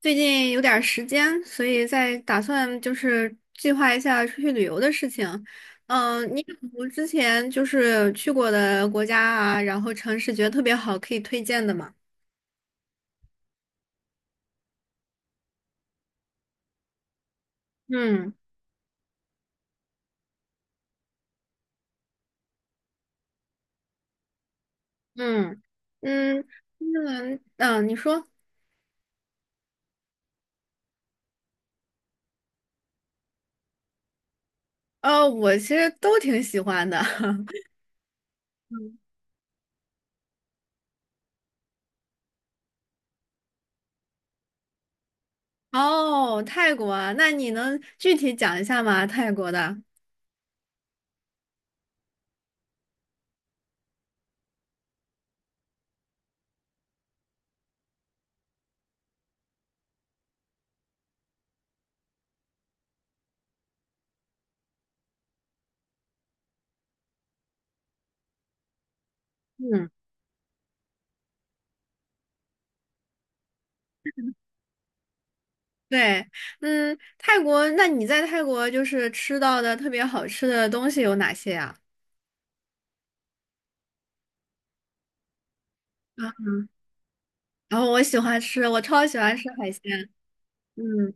最近有点儿时间，所以在打算就是计划一下出去旅游的事情。嗯，你有之前就是去过的国家啊，然后城市觉得特别好，可以推荐的吗？嗯嗯嗯，新西兰你说。我其实都挺喜欢的。哦，泰国啊那你能具体讲一下吗？泰国的？嗯。对，泰国，那你在泰国就是吃到的特别好吃的东西有哪些呀？啊，然后我喜欢吃，我超喜欢吃海鲜。嗯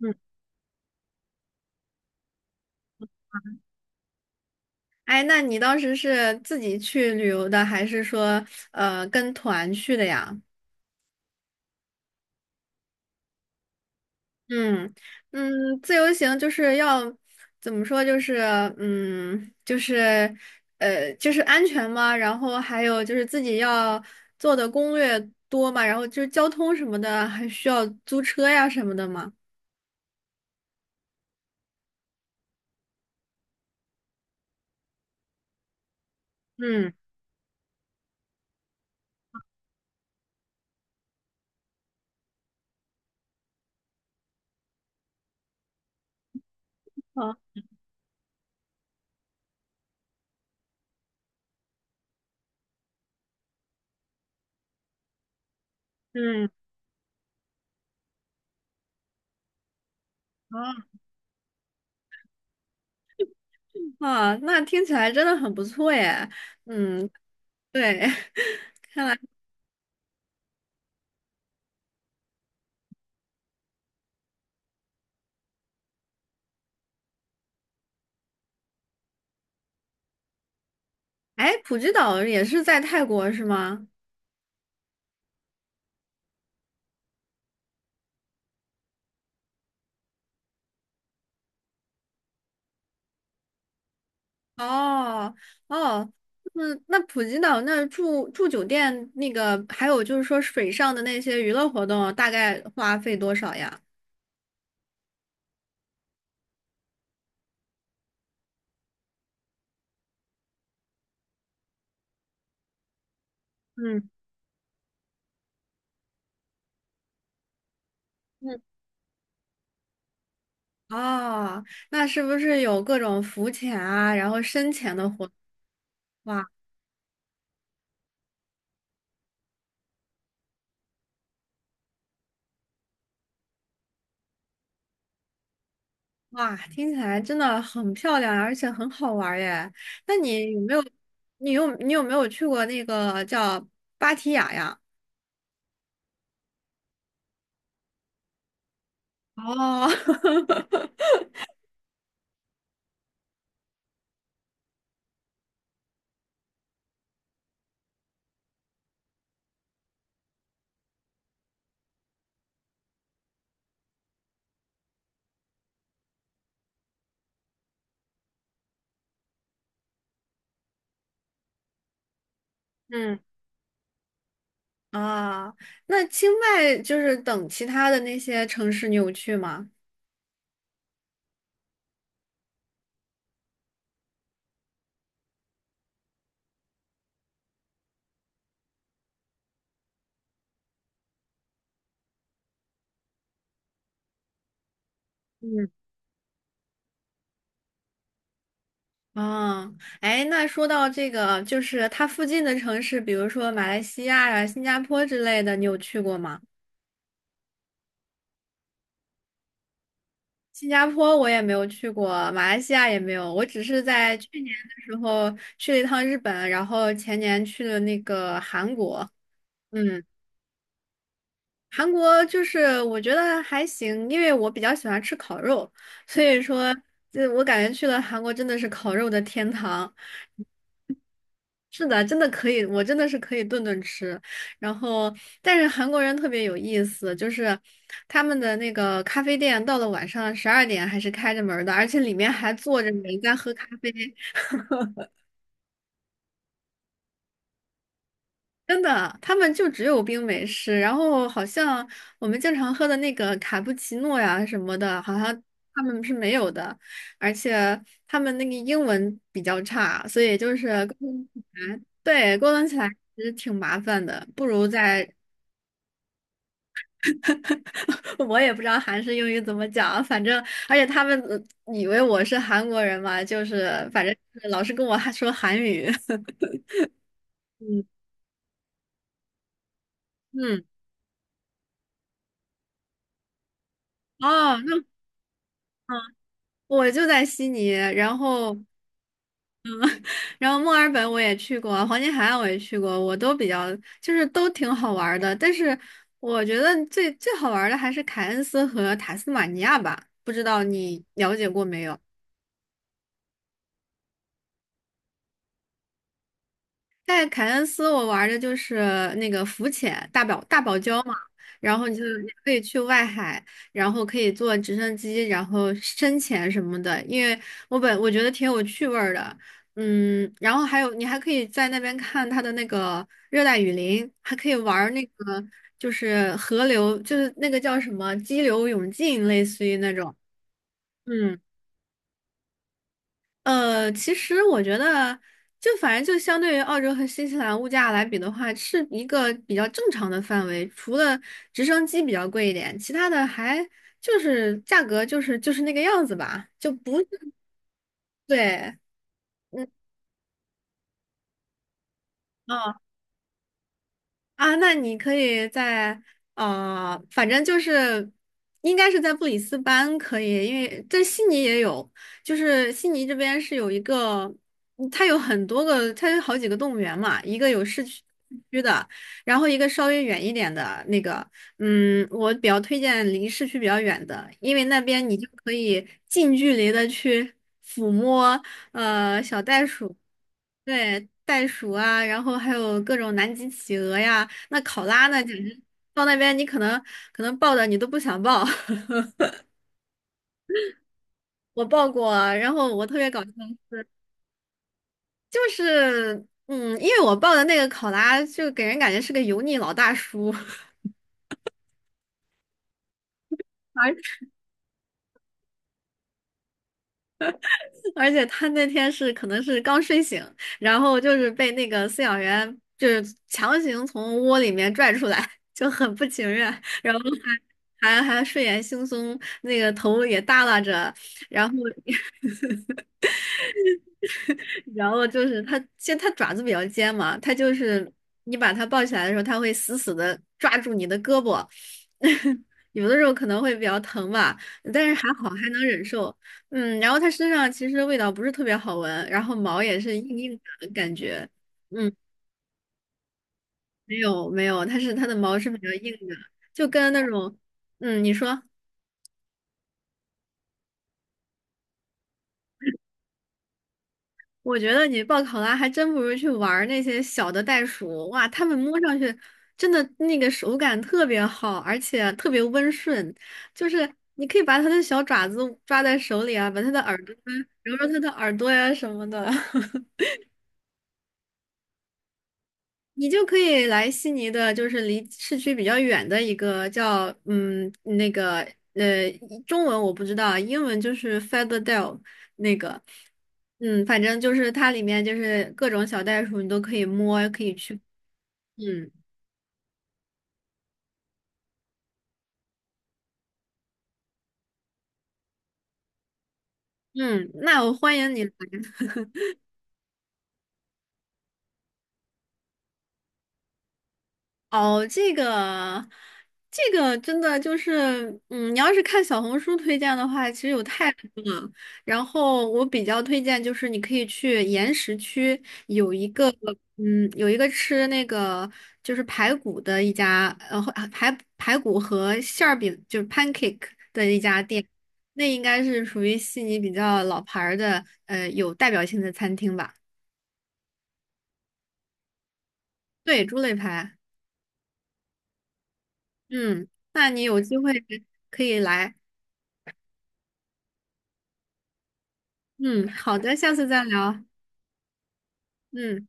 嗯，哎，那你当时是自己去旅游的，还是说跟团去的呀？嗯嗯，自由行就是要怎么说？就是就是就是安全嘛，然后还有就是自己要做的攻略多嘛，然后就是交通什么的，还需要租车呀什么的嘛。嗯，好，嗯，哦，啊，那听起来真的很不错耶。嗯，对，看来，哎，普吉岛也是在泰国是吗？哦哦，那普吉岛那儿住酒店那个，还有就是说水上的那些娱乐活动，大概花费多少呀？嗯嗯。哦，那是不是有各种浮潜啊，然后深潜的活动？哇哇，听起来真的很漂亮，而且很好玩儿耶！那你有没有，你有没有去过那个叫芭提雅呀？哦，嗯。啊，那清迈就是等其他的那些城市你有去吗？嗯，啊，哎，那说到这个，就是它附近的城市，比如说马来西亚呀、新加坡之类的，你有去过吗？新加坡我也没有去过，马来西亚也没有，我只是在去年的时候去了一趟日本，然后前年去了那个韩国。嗯。韩国就是我觉得还行，因为我比较喜欢吃烤肉，所以说，这我感觉去了韩国真的是烤肉的天堂。是的，真的可以，我真的是可以顿顿吃。然后，但是韩国人特别有意思，就是他们的那个咖啡店到了晚上12点还是开着门儿的，而且里面还坐着人在喝咖啡。真的，他们就只有冰美式，然后好像我们经常喝的那个卡布奇诺呀什么的，好像他们是没有的，而且他们那个英文比较差，所以就是沟通起来，对，沟通起来其实挺麻烦的，不如在。我也不知道韩式英语怎么讲，反正而且他们以为我是韩国人嘛，就是反正就是老是跟我还说韩语。嗯嗯，哦，那。我就在悉尼，然后墨尔本我也去过，黄金海岸我也去过，我都比较就是都挺好玩儿的。但是我觉得最最好玩儿的还是凯恩斯和塔斯马尼亚吧，不知道你了解过没有？在凯恩斯，我玩的就是那个浮潜，大堡礁嘛，然后你可以去外海，然后可以坐直升机，然后深潜什么的。因为我觉得挺有趣味儿的。嗯，然后还有你还可以在那边看它的那个热带雨林，还可以玩儿那个就是河流，就是那个叫什么激流勇进，类似于那种。嗯。其实我觉得，就反正就相对于澳洲和新西兰物价来比的话，是一个比较正常的范围。除了直升机比较贵一点，其他的还就是价格就是那个样子吧，就不是对，嗯。嗯啊，那你可以在反正就是应该是在布里斯班可以，因为在悉尼也有，就是悉尼这边是有一个，嗯它有很多个，它有好几个动物园嘛，一个有市区的，然后一个稍微远一点的那个，嗯，我比较推荐离市区比较远的，因为那边你就可以近距离的去抚摸小袋鼠。对，袋鼠啊，然后还有各种南极企鹅呀，那考拉呢，简直到那边你可能抱的你都不想抱。我抱过，然后我特别搞笑，就是因为我抱的那个考拉就给人感觉是个油腻老大叔。而而且他那天是可能是刚睡醒，然后就是被那个饲养员就是强行从窝里面拽出来，就很不情愿，然后还睡眼惺忪，那个头也耷拉着，然后然后就是它，其实它爪子比较尖嘛，它就是你把它抱起来的时候，它会死死的抓住你的胳膊。有的时候可能会比较疼吧，但是还好还能忍受。嗯，然后它身上其实味道不是特别好闻，然后毛也是硬硬的感觉。嗯，没有没有，它的毛是比较硬的，就跟那种，嗯，你说。我觉得你报考拉还真不如去玩儿那些小的袋鼠，哇，它们摸上去真的那个手感特别好，而且特别温顺，就是你可以把它的小爪子抓在手里啊，把它的耳朵啊揉揉它的耳朵呀、什么的。你就可以来悉尼的，就是离市区比较远的一个叫那个呃中文我不知道啊，英文就是 Featherdale 那个，嗯，反正就是它里面就是各种小袋鼠你都可以摸，可以去，嗯嗯，那我欢迎你来。哦，这个，这个真的就是，嗯，你要是看小红书推荐的话，其实有太多了。然后我比较推荐就是，你可以去岩石区有一个，嗯，有一个吃那个就是排骨的一家，排骨和馅儿饼就是 pancake 的一家店，那应该是属于悉尼比较老牌儿的，有代表性的餐厅吧。对，猪肋排，嗯，那你有机会可以来。嗯，好的，下次再聊。嗯。